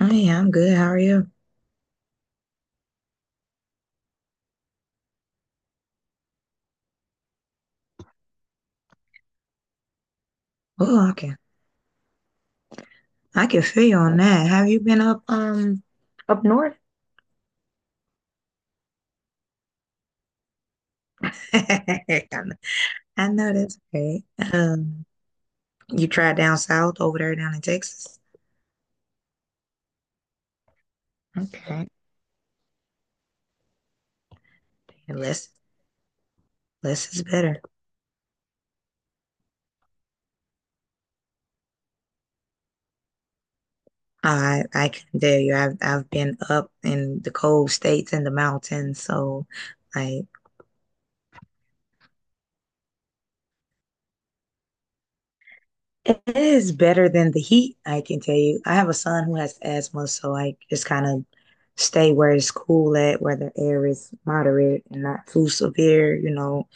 I am good. How are you? Oh, I can feel you on that. Have you been up up north? I know, I know that's right. Um, you tried down south over there down in Texas. Okay, and less is better. I can tell you, I've been up in the cold states and the mountains, so I. It is better than the heat, I can tell you. I have a son who has asthma, so like just kind of stay where it's cool at, where the air is moderate and not too severe, you know.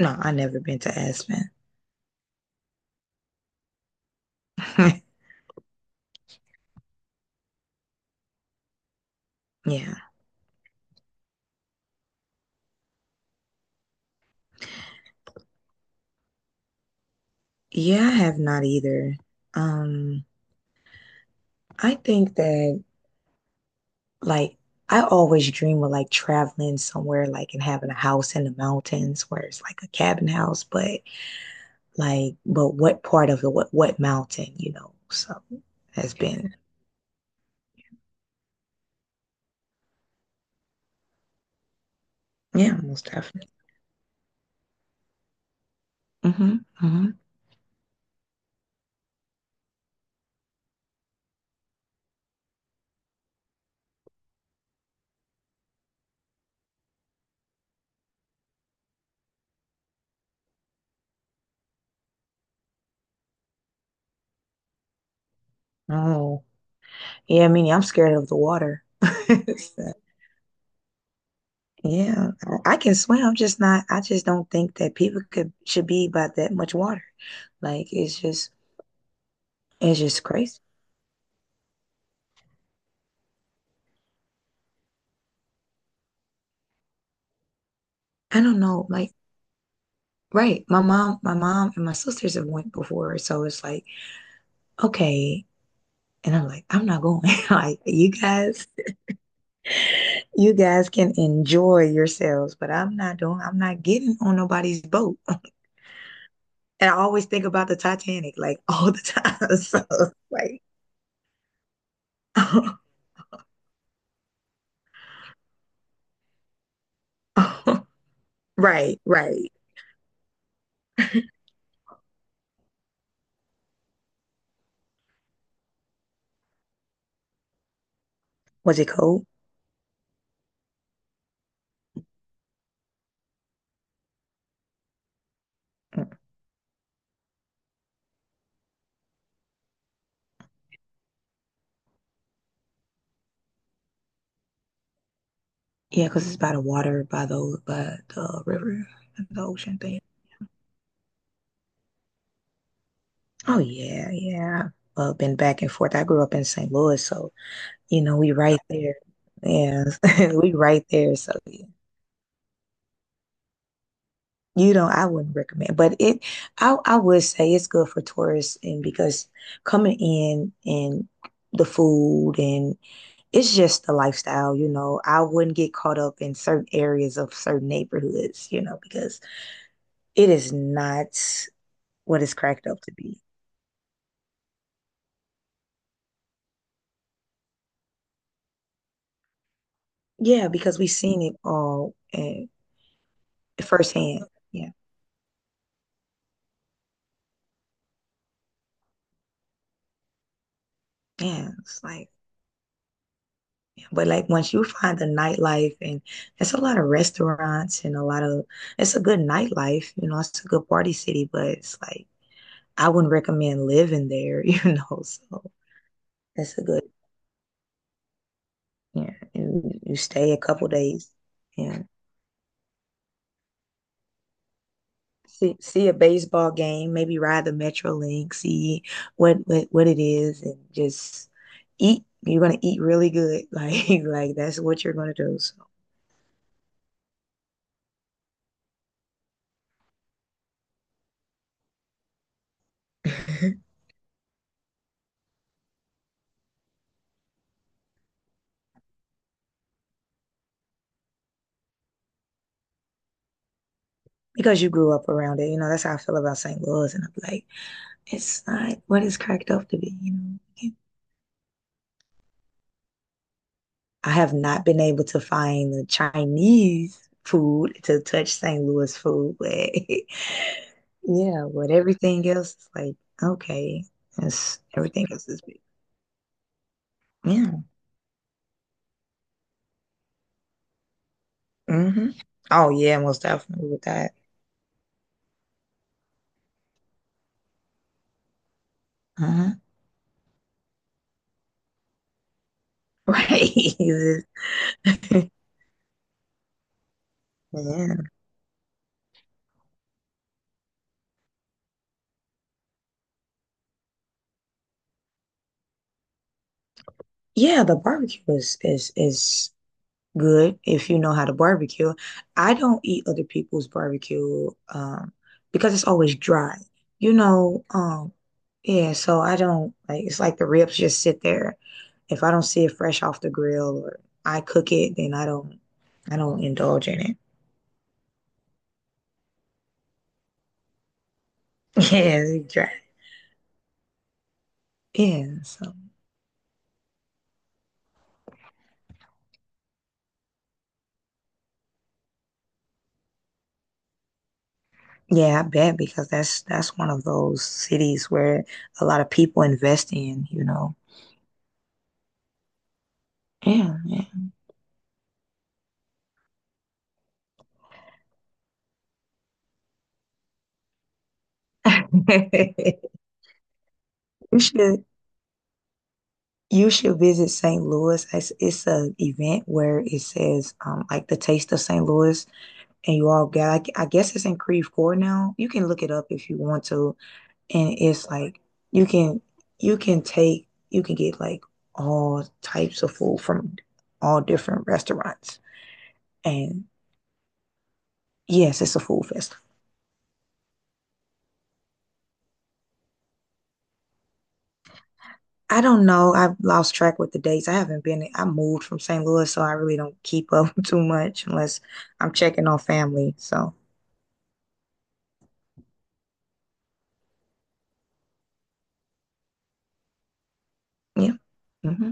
No, I never been to Aspen. Yeah. Yeah, I have not either. Um, I think that like I always dream of like traveling somewhere like and having a house in the mountains where it's like a cabin house, but like but what part of it, what mountain, you know? So has been. Yeah, most definitely. Hmm hmm. Oh, yeah, I mean, I'm scared of the water. So, yeah. I can swim. I just don't think that people could should be by that much water. Like it's just crazy. I don't know. Like, right. My mom and my sisters have went before. So it's like, okay. And I'm like, I'm not going. Like, you guys can enjoy yourselves, but I'm not getting on nobody's boat. And I always think about the Titanic, like all the time. So like right, right. Was it cold? Mm. Yeah, because it's by the water, by the river, and the ocean thing. Oh yeah, yeah. Been back and forth. I grew up in St. Louis, so you know we right there. Yeah, we right there. So yeah. You know, I wouldn't recommend, but I would say it's good for tourists, and because coming in and the food and it's just the lifestyle, you know. I wouldn't get caught up in certain areas of certain neighborhoods, you know, because it is not what it's cracked up to be. Yeah, because we've seen it all and firsthand. Yeah. Yeah. It's like yeah, but like once you find the nightlife and there's a lot of restaurants and a lot of it's a good nightlife, you know, it's a good party city, but it's like I wouldn't recommend living there, you know. So it's a good yeah. And you stay a couple days. Yeah. See see a baseball game, maybe ride the MetroLink, see what it is, and just eat. You're gonna eat really good, like like that's what you're gonna do. So. Because you grew up around it, you know that's how I feel about St. Louis, and I'm like, it's not what it's cracked up to be. You know, I have not been able to find the Chinese food to touch St. Louis food, but yeah, but everything else is like okay, everything else is big. Yeah. Hmm. Oh yeah, most definitely with that. Uh-huh. Right. Yeah. Yeah, the barbecue is good if you know how to barbecue. I don't eat other people's barbecue because it's always dry. You know, yeah, so I don't like it's like the ribs just sit there. If I don't see it fresh off the grill or I cook it, then I don't indulge in it. Yeah, it's dry. Yeah, so yeah, I bet because that's one of those cities where a lot of people invest in, you know. Yeah, yeah. You should you should visit St. Louis. It's a event where it says like the taste of St. Louis and you all got I guess it's in Creve Coeur now. You can look it up if you want to. And it's like you can you can take you can get like all types of food from all different restaurants. And yes, it's a food festival. I don't know. I've lost track with the dates. I haven't been, I moved from St. Louis, so I really don't keep up too much unless I'm checking on family. So, yeah. Hmm.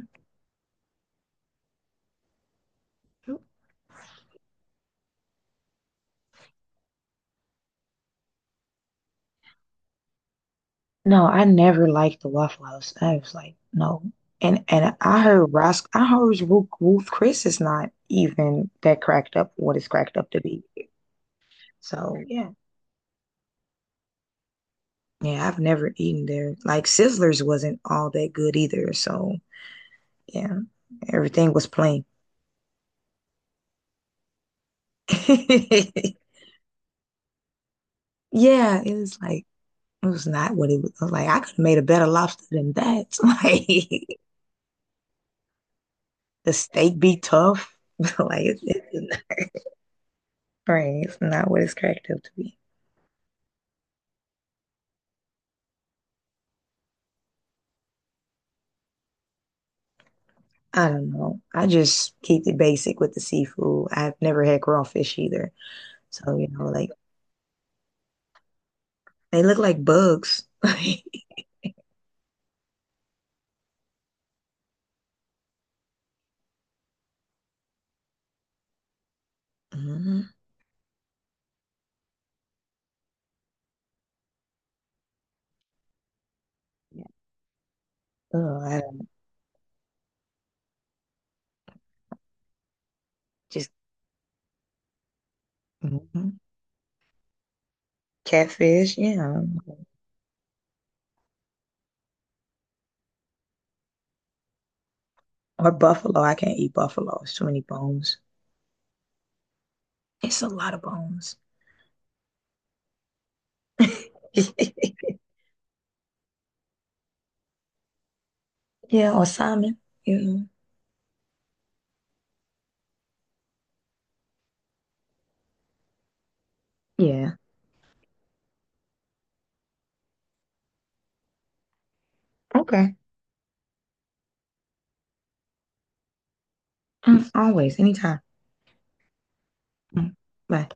No, I never liked the Waffle House. I was like, no. And I heard Ruth Chris is not even that cracked up what it's cracked up to be. So, yeah. Yeah, I've never eaten there. Like Sizzlers wasn't all that good either. So, yeah. Everything was plain. Yeah, it was like it was not what it was. I was like, I could have made a better lobster than that. Like the steak be tough. Like it's not right. It's not what it's cracked up to be. I don't know. I just keep it basic with the seafood. I've never had raw fish either. So, you know, like they look like bugs. Mhm. Yeah. Oh, I don't just mhm. Catfish, yeah. Or buffalo. I can't eat buffalo. It's too many bones. It's a lot of bones. Yeah, or Simon. Yeah. Yeah. Okay. Mm, always, anytime. Mm, bye.